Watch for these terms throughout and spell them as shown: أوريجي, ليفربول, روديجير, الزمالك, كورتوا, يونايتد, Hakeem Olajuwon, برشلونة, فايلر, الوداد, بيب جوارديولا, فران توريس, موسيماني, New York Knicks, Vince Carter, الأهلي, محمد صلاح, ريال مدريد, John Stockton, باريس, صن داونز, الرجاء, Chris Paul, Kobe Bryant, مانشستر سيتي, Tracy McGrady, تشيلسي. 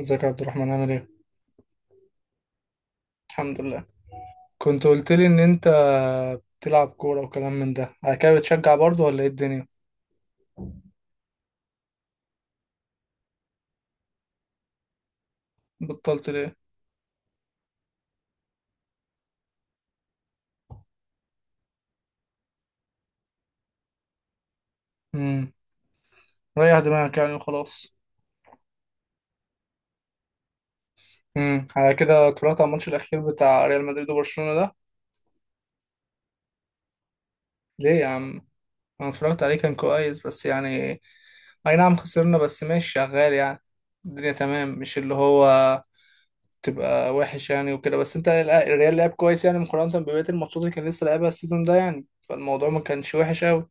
ازيك يا عبد الرحمن؟ عامل ايه؟ الحمد لله. كنت قلت لي ان انت بتلعب كورة وكلام من ده على كده، بتشجع برضه ولا ايه الدنيا؟ بطلت ليه؟ امم ريح دماغك يعني وخلاص. على كده اتفرجت على الماتش الأخير بتاع ريال مدريد وبرشلونة ده؟ ليه يا عم؟ أنا اتفرجت عليه، كان كويس بس يعني أي نعم خسرنا، بس ماشي شغال يعني الدنيا تمام، مش اللي هو تبقى وحش يعني وكده. بس انت الريال لعب كويس يعني، مقارنة ببقية الماتشات اللي كان لسه لعبها السيزون ده يعني، فالموضوع ما كانش وحش أوي.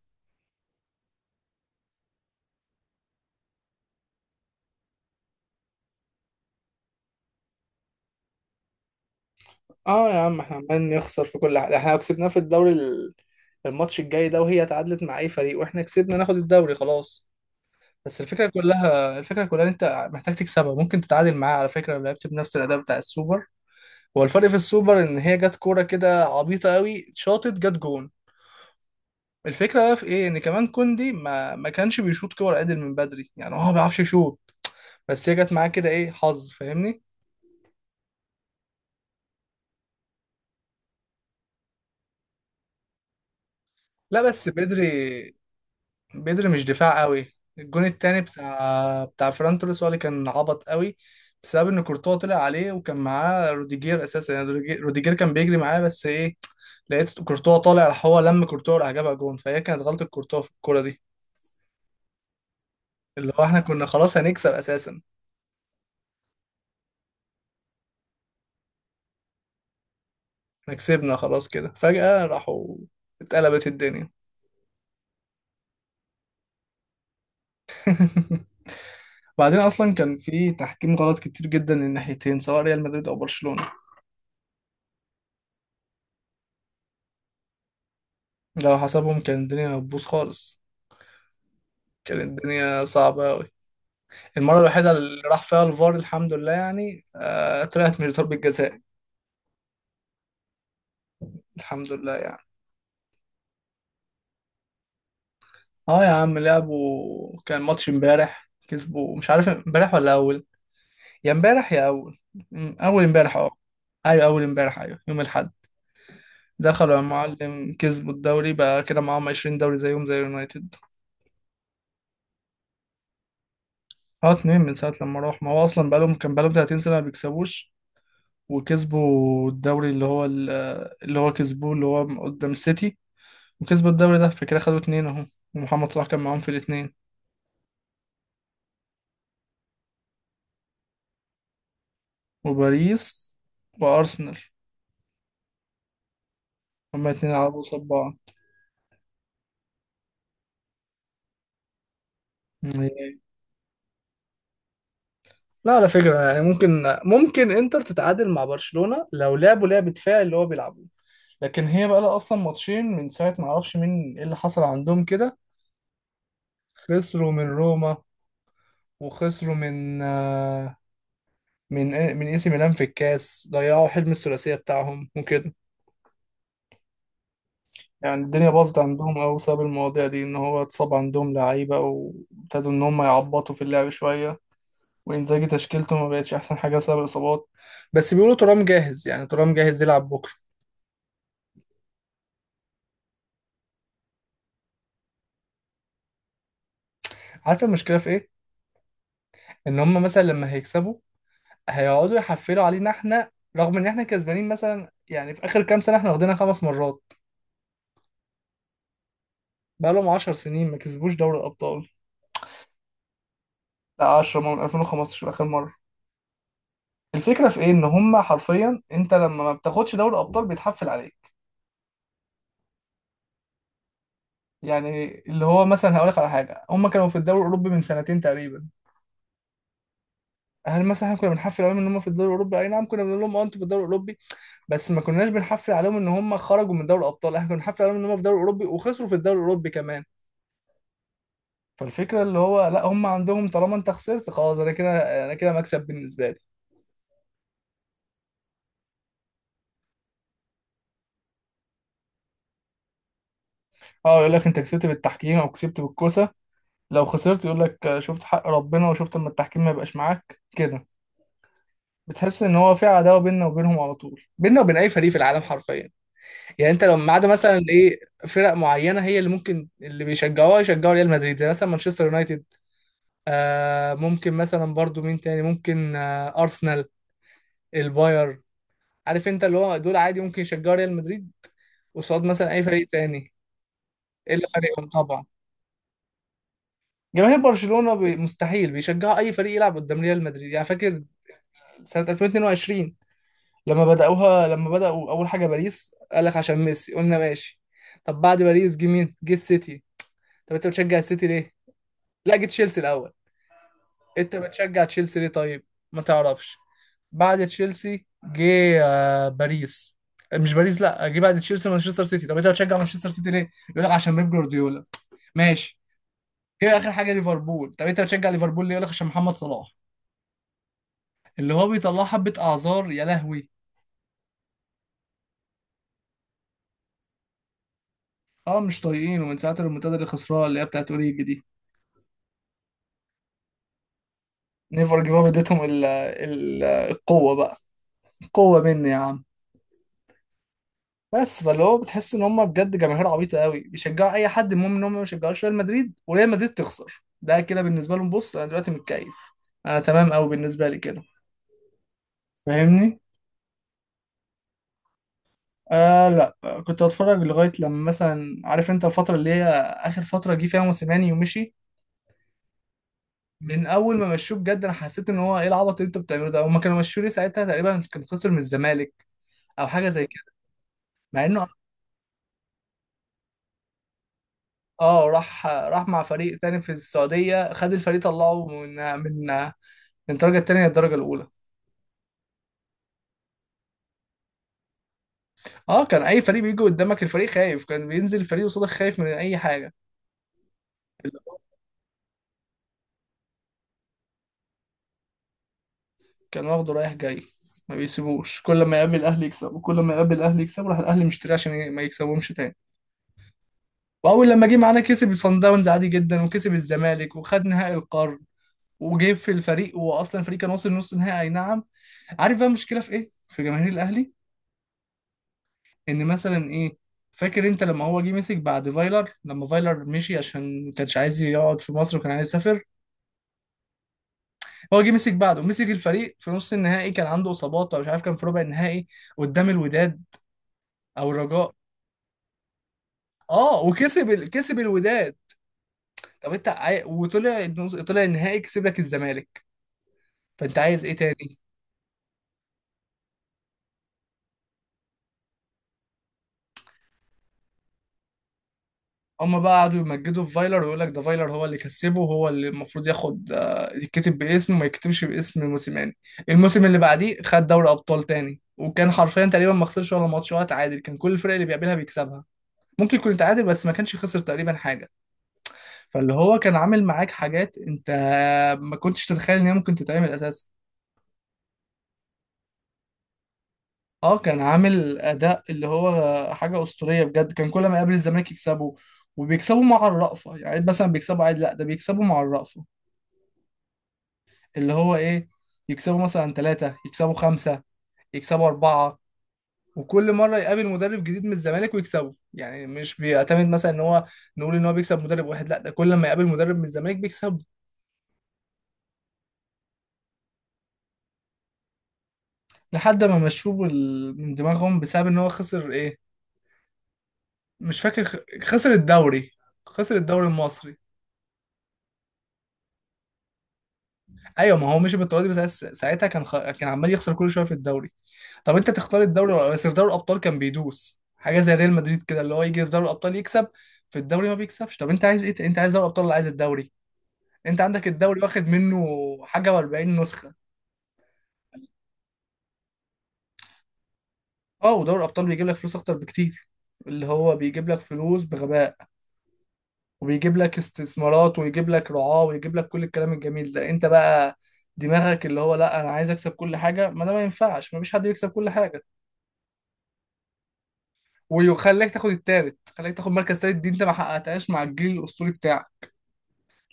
اه يا عم، احنا عمالين نخسر في كل حاجة. احنا لو كسبناه في الدوري ال- الماتش الجاي ده، وهي تعادلت مع اي فريق واحنا كسبنا، ناخد الدوري خلاص. بس الفكرة كلها، الفكرة كلها، إن انت محتاج تكسبها. ممكن تتعادل معاه على فكرة لو لعبت بنفس الاداء بتاع السوبر. هو الفرق في السوبر ان هي جت كورة كده عبيطة قوي، شاطت جت جون. الفكرة بقى في ايه، ان كمان كوندي ما كانش بيشوط كور عدل من بدري، يعني هو ما بيعرفش يشوط، بس هي جت معاه كده، ايه حظ، فاهمني. لا بس بدري، بدري مش دفاع قوي. الجون التاني بتاع فران توريس هو اللي كان عبط قوي، بسبب ان كورتوا طلع عليه وكان معاه روديجير اساسا، يعني روديجير كان بيجري معاه، بس ايه، لقيت كورتوا طالع، راح هو لم كورتوا، راح جابها جون، فهي كانت غلطة كورتوا في الكورة دي. اللي هو احنا كنا خلاص هنكسب اساسا، احنا كسبنا خلاص، كده فجأة راحوا، اتقلبت الدنيا. بعدين اصلا كان في تحكيم غلط كتير جدا للناحيتين، سواء ريال مدريد او برشلونة. لو حسبهم كان الدنيا هتبوظ خالص، كانت الدنيا صعبة أوي. المرة الوحيدة اللي راح فيها الفار الحمد لله يعني طلعت من ضربة جزاء، الحمد لله يعني. اه يا عم، لعبوا كان ماتش امبارح، كسبوا، مش عارف امبارح ولا اول، يا امبارح يا اول، اول امبارح اه. ايوه اول امبارح، ايوه يوم الاحد. دخلوا يا معلم، كسبوا الدوري، بقى كده معاهم 20 دوري زيهم زي يونايتد. اه اتنين من ساعة لما راح، ما هو اصلا بقالهم، كان بقالهم 30 سنة ما بيكسبوش. وكسبوا الدوري اللي هو ال- اللي هو كسبوه اللي هو قدام السيتي، وكسبوا الدوري ده، فكده خدوا اتنين اهو. ومحمد صلاح كان معاهم في الاتنين. وباريس وارسنال، هما اتنين لعبوا قصاد بعض. إيه. لا على فكرة يعني، ممكن، ممكن انتر تتعادل مع برشلونة لو لعبوا لعب دفاعي اللي هو بيلعبوه. لكن هي بقى لها اصلا ماتشين من ساعه، ما اعرفش مين ايه اللي حصل عندهم كده. خسروا من روما، وخسروا من آه، من إيه، من اي سي ميلان في الكاس، ضيعوا حلم الثلاثيه بتاعهم وكده. يعني الدنيا باظت عندهم أوي بسبب المواضيع دي، إن هو اتصاب عندهم لعيبة، وابتدوا إن هم يعبطوا في اللعب شوية، وإنزاجي تشكيلته ما بقتش أحسن حاجة بسبب الإصابات. بس بيقولوا ترام جاهز، يعني ترام جاهز يلعب بكرة. عارف المشكلة في إيه؟ إن هم مثلا لما هيكسبوا، هيقعدوا يحفلوا علينا إحنا، رغم إن إحنا كسبانين مثلا، يعني في آخر كام سنة إحنا واخدينها 5 مرات. بقالهم 10 سنين ما كسبوش دوري الأبطال. لا 10 من 2015 آخر مرة. الفكرة في إيه؟ إن هم حرفيا أنت لما ما بتاخدش دوري الأبطال بيتحفل عليك. يعني اللي هو مثلا هقول لك على حاجه، هم كانوا في الدوري الاوروبي من سنتين تقريبا. هل مثلا احنا كنا بنحفل عليهم ان هم في الدوري الاوروبي؟ اي نعم كنا بنقول لهم اه انتوا في الدوري الاوروبي، بس ما كناش بنحفل عليهم ان هم خرجوا من دوري الابطال. احنا كنا بنحفل عليهم ان هم في الدوري الاوروبي وخسروا في الدوري الاوروبي كمان. فالفكره اللي هو لا، هم عندهم طالما انت خسرت خلاص، انا كده، انا كده مكسب بالنسبه لي. اه يقول لك انت كسبت بالتحكيم او كسبت بالكوسه. لو خسرت يقول لك شفت حق ربنا، وشفت اما التحكيم ما يبقاش معاك كده. بتحس ان هو في عداوه بيننا وبينهم على طول، بيننا وبين اي فريق في العالم حرفيا. يعني انت لو ما عدا مثلا ايه، فرق معينه هي اللي ممكن اللي بيشجعوها يشجعوا ريال مدريد، زي مثلا مانشستر يونايتد، آه ممكن مثلا برضو مين تاني، ممكن آه ارسنال، الباير. عارف انت، اللي هو دول عادي ممكن يشجعوا ريال مدريد قصاد مثلا اي فريق تاني. الا فريقهم طبعا. جماهير برشلونه بي مستحيل بيشجعوا اي فريق يلعب قدام ريال مدريد. يعني فاكر سنه 2022 لما بداوها، لما بداوا اول حاجه باريس، قال لك عشان ميسي، قلنا ماشي. طب بعد باريس جه مين، جه السيتي، طب انت بتشجع السيتي ليه؟ لا جه تشيلسي الاول، انت بتشجع تشيلسي ليه طيب؟ ما تعرفش. بعد تشيلسي جه باريس، مش باريس، لا جه بعد تشيلسي مانشستر سيتي، طب انت بتشجع مانشستر سيتي ليه؟ يقول لك عشان بيب جوارديولا، ماشي. هي اخر حاجه ليفربول، طب انت بتشجع ليفربول ليه؟ يقول لك عشان محمد صلاح. اللي هو بيطلع حبه اعذار يا لهوي. اه مش طايقين، ومن ساعه المنتدى اللي خسرها اللي هي بتاعت اوريجي دي، نيفر جيف اب اديتهم ال ال القوه بقى، قوه مني يا عم. بس فاللي هو بتحس ان هم بجد جماهير عبيطه قوي، بيشجعوا اي حد، المهم ان هم ما يشجعوش ريال مدريد، وريال مدريد تخسر، ده كده بالنسبه لهم. بص انا دلوقتي متكيف، انا تمام قوي بالنسبه لي كده، فاهمني. آه لا كنت بتفرج لغايه لما مثلا، عارف انت الفتره اللي هي اخر فتره جه فيها موسيماني ومشي. من اول ما مشوه بجد انا حسيت ان هو ايه العبط اللي انتوا بتعملوه ده، هما كانوا مشوه ليه؟ ساعتها تقريبا كان خسر من الزمالك او حاجه زي كده. مع انه اه راح، راح مع فريق تاني في السعوديه، خد الفريق طلعه من من من الدرجه التانيه للدرجه الاولى. اه كان اي فريق بيجي قدامك الفريق خايف، كان بينزل الفريق قصادك خايف من اي حاجه. اللي هو كان واخده رايح جاي، ما بيسيبوش، كل ما يقابل الاهلي يكسب، وكل ما يقابل الاهلي يكسب، راح الاهلي مشتريه عشان ما يكسبهمش تاني. واول لما جه معانا كسب صن داونز عادي جدا، وكسب الزمالك، وخد نهائي القرن، وجه في الفريق، واصلا الفريق كان واصل نص نهائي اي نعم. عارف بقى المشكله في ايه في جماهير الاهلي؟ ان مثلا ايه، فاكر انت لما هو جه مسك بعد فايلر، لما فايلر مشي عشان ما كانش عايز يقعد في مصر وكان عايز يسافر، هو جه مسك بعده، مسك الفريق في نص النهائي، كان عنده اصابات او مش عارف، كان في ربع النهائي قدام الوداد او الرجاء. اه وكسب كسب الوداد. طب انت وطلع طلع النهائي كسب لك الزمالك، فانت عايز ايه تاني؟ هما بقى قعدوا يمجدوا في فايلر، ويقول لك ده فايلر هو اللي كسبه، وهو اللي المفروض ياخد يتكتب باسمه وما يكتبش باسم موسيماني. الموسم اللي بعديه خد دوري ابطال تاني، وكان حرفيا تقريبا ما خسرش ولا ماتش ولا تعادل، كان كل الفرق اللي بيقابلها بيكسبها. ممكن يكون تعادل، بس ما كانش خسر تقريبا حاجه. فاللي هو كان عامل معاك حاجات انت ما كنتش تتخيل ان هي ممكن تتعمل اساسا. اه كان عامل اداء اللي هو حاجه اسطوريه بجد، كان كل ما يقابل الزمالك يكسبه، وبيكسبوا مع الرأفة، يعني مثلا بيكسبوا عادي، لا ده بيكسبوا مع الرأفة. اللي هو ايه، يكسبوا مثلا 3، يكسبوا 5، يكسبوا 4. وكل مرة يقابل مدرب جديد من الزمالك ويكسبه، يعني مش بيعتمد مثلا ان هو نقول ان هو بيكسب مدرب واحد، لا ده كل ما يقابل مدرب من الزمالك بيكسبه. لحد ما مشوه من دماغهم، بسبب ان هو خسر ايه، مش فاكر خسر الدوري، خسر الدوري المصري. ايوه ما هو مشي بالطريقه دي، بس ساعتها كان كان عمال يخسر كل شويه في الدوري. طب انت تختار الدوري بس؟ في دوري الابطال كان بيدوس حاجه زي ريال مدريد كده، اللي هو يجي في دوري الابطال يكسب، في الدوري ما بيكسبش. طب انت عايز ايه، انت عايز دوري الابطال ولا عايز الدوري؟ انت عندك الدوري واخد منه حاجه و40 نسخه. اه ودوري الابطال بيجيب لك فلوس اكتر بكتير، اللي هو بيجيب لك فلوس بغباء، وبيجيب لك استثمارات، ويجيب لك رعاة، ويجيب لك كل الكلام الجميل ده. انت بقى دماغك اللي هو لا انا عايز اكسب كل حاجه، ما ده ما ينفعش، ما فيش حد بيكسب كل حاجه. ويخليك تاخد التالت، خليك تاخد مركز تالت دي انت ما حققتهاش مع الجيل الاسطوري بتاعك،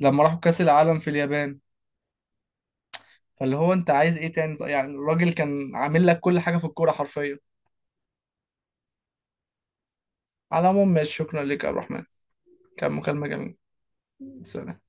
لما راحوا كاس العالم في اليابان. فاللي هو انت عايز ايه تاني، يعني الراجل كان عامل لك كل حاجه في الكوره حرفيا. على العموم ماشي، شكرا لك يا عبد الرحمن، كان مكالمه جميله. سلام.